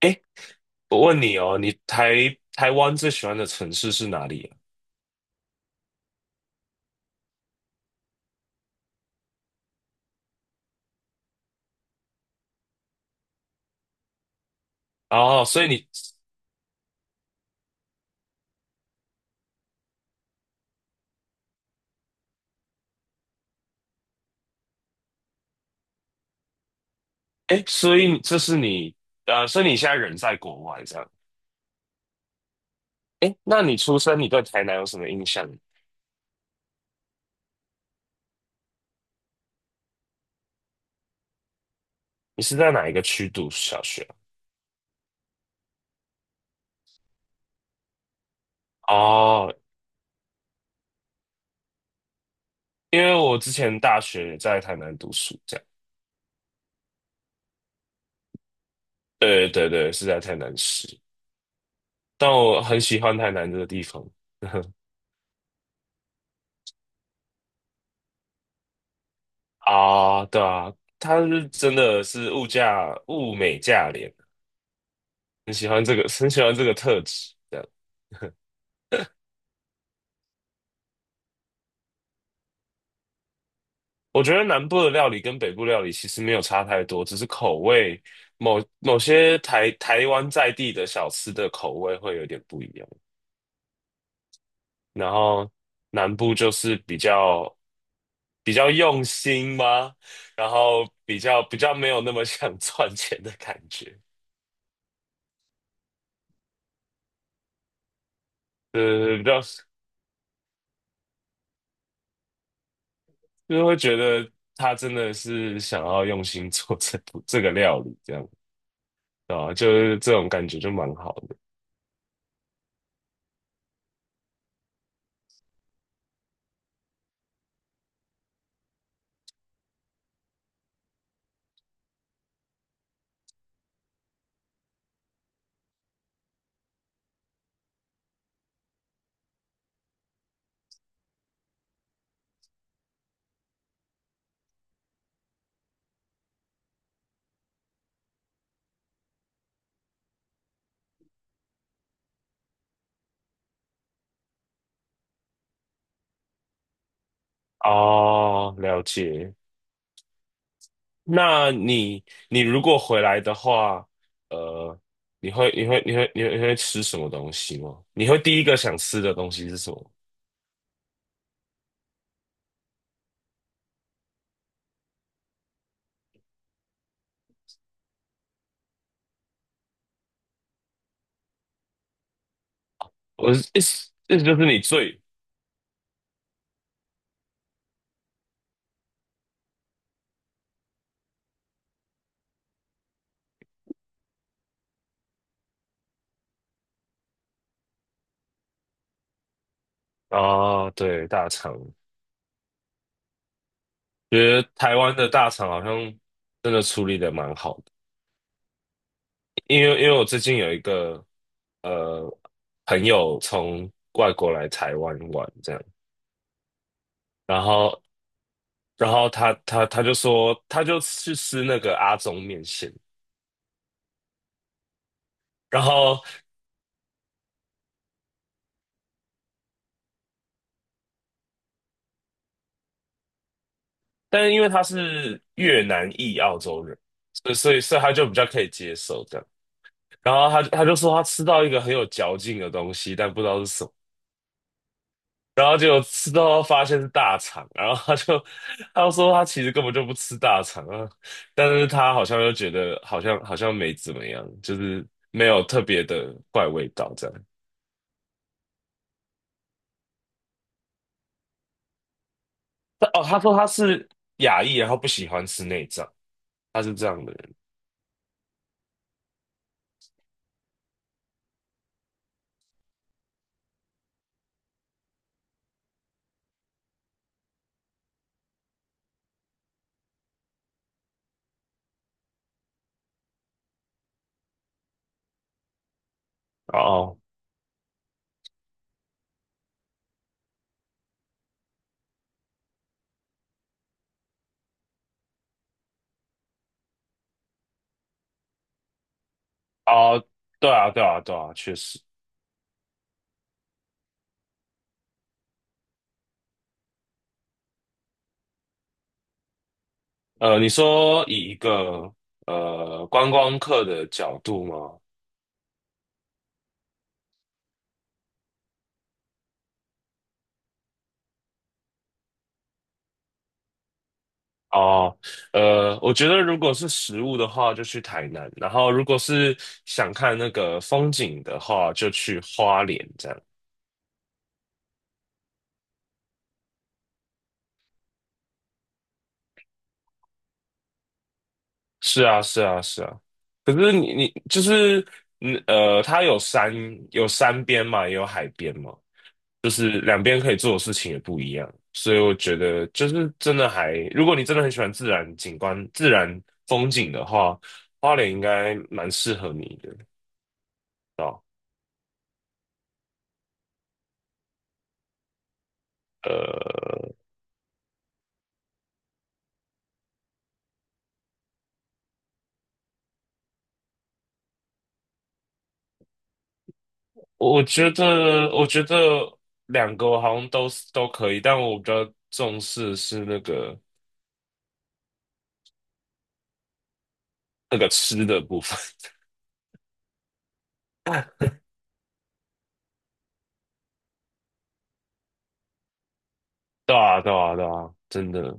哎，我问你哦，你台湾最喜欢的城市是哪里啊？哦，所以你，哎，所以这是你，所以你现在人在国外这样。哎，那你出生，你对台南有什么印象？你是在哪一个区读小学啊？哦，因为我之前大学也在台南读书，这样。对对对，是在台南市，但我很喜欢台南这个地方。啊，对啊，它是真的是物美价廉。很喜欢这个特质。这样，我觉得南部的料理跟北部料理其实没有差太多，只是口味，某些台湾在地的小吃的口味会有点不一样。然后南部就是比较用心吗？然后比较没有那么想赚钱的感觉，呃，比较就是会觉得他真的是想要用心做这个料理，这样啊，就是这种感觉就蛮好的。哦，了解。那你如果回来的话，呃，你会吃什么东西吗？你会第一个想吃的东西是什么？我是意思就是你最啊，对，大肠，觉得台湾的大肠好像真的处理的蛮好的，因为我最近有一个呃朋友从外国来台湾玩这样，然后然后他就说他就去吃那个阿中面线。然后，但是因为他是越南裔澳洲人，所以他就比较可以接受这样。然后他就说他吃到一个很有嚼劲的东西，但不知道是什么。然后结果吃到发现是大肠，然后他就 他就说他其实根本就不吃大肠啊，但是他好像又觉得好像没怎么样，就是没有特别的怪味道这样。他哦，他说他是亚裔，然后不喜欢吃内脏，他是这样的人。哦哦，对啊对啊对啊，确实。你说以一个观光客的角度吗？哦，我觉得如果是食物的话，就去台南；然后如果是想看那个风景的话，就去花莲。这样是啊，是啊，是啊。可是你就是它有山边嘛，也有海边嘛。就是两边可以做的事情也不一样，所以我觉得就是真的还，如果你真的很喜欢自然景观、自然风景的话，花莲应该蛮适合你的。呃，我觉得两个我好像都是都可以，但我比较重视是那个吃的部分。对啊，对啊，对啊，真的，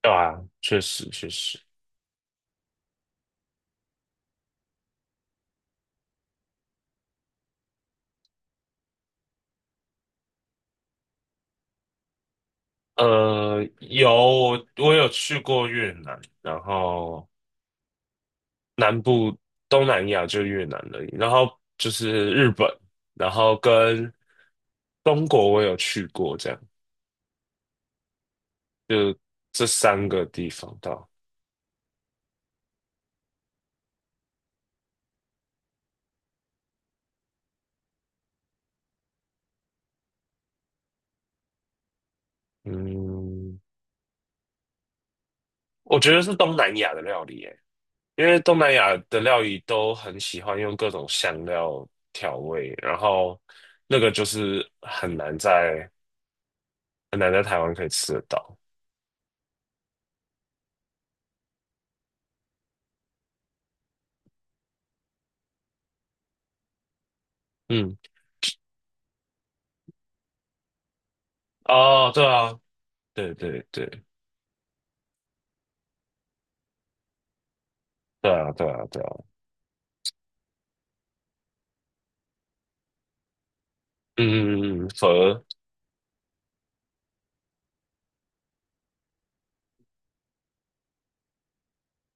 对啊，确实确实。有我有去过越南，然后南部东南亚就越南而已，然后就是日本，然后跟中国我有去过，这样这三个地方到，嗯，我觉得是东南亚的料理耶，因为东南亚的料理都很喜欢用各种香料调味，然后那个就是很难在台湾可以吃得到，嗯，哦，对啊，对对对。对啊，对啊，对啊，嗯嗯嗯，嗯，佛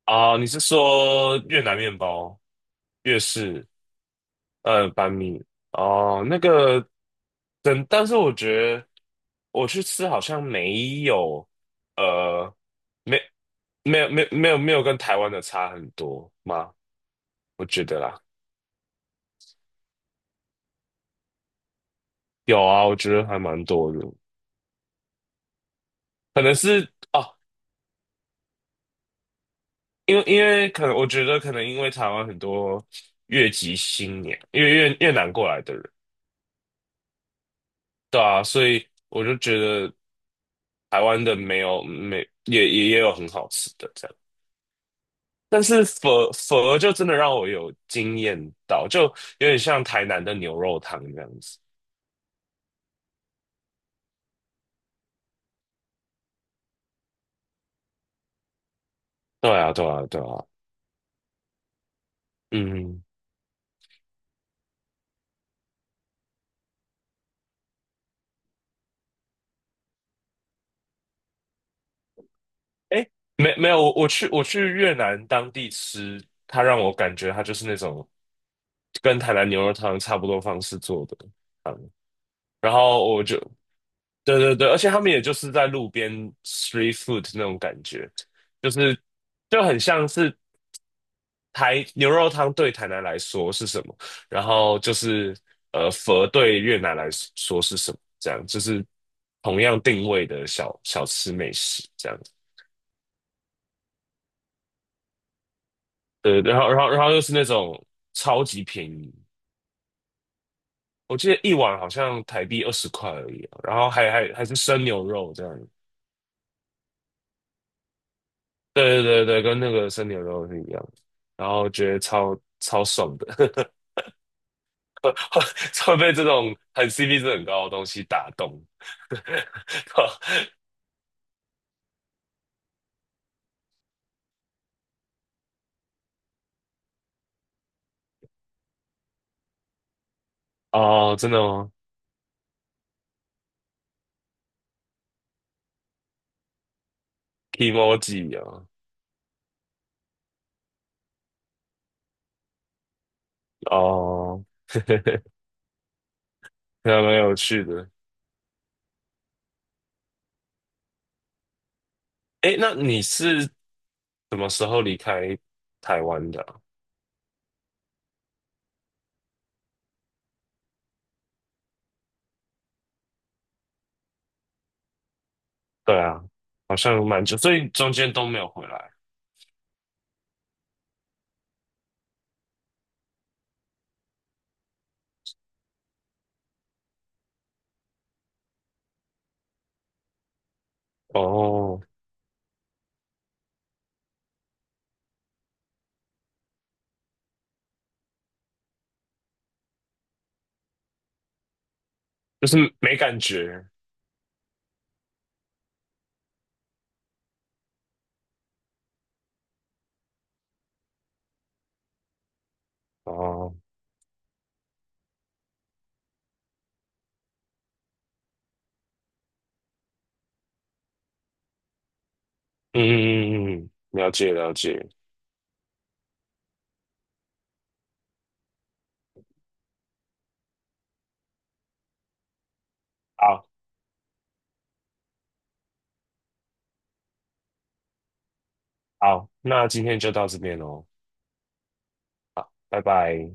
啊，你是说越南面包、越式板米哦？那个，但是我觉得我去吃好像没有，呃，没没有跟台湾的差很多吗？我觉得啦，有啊，我觉得还蛮多的，可能是哦，因为可能我觉得可能因为台湾很多越籍新年，因为越南过来的人，对啊，所以我就觉得。台湾的没有没也有很好吃的这样，但是佛就真的让我有惊艳到，就有点像台南的牛肉汤这样子。对啊，对啊，对啊，嗯，哎，没有，我去越南当地吃，它让我感觉它就是那种跟台南牛肉汤差不多方式做的汤，然后我就对对对，而且他们也就是在路边 street food 那种感觉，就是就很像是台牛肉汤对台南来说是什么，然后就是佛对越南来说是什么，这样就是同样定位的小吃美食这样。对，然后又是那种超级便宜，我记得一碗好像台币20块而已啊，然后还是生牛肉这样。对对对对，跟那个生牛肉是一样的，然后觉得超爽的，会被这种很 CP 值很高的东西打动。哦，真的吗？Kimoji 啊，哦，还蛮有趣的。诶，那你是什么时候离开台湾的啊？对啊，好像蛮久，所以中间都没有回来。哦，就是没感觉。哦，嗯嗯嗯嗯，嗯了解了解。好，好，那今天就到这边喽。好，拜拜。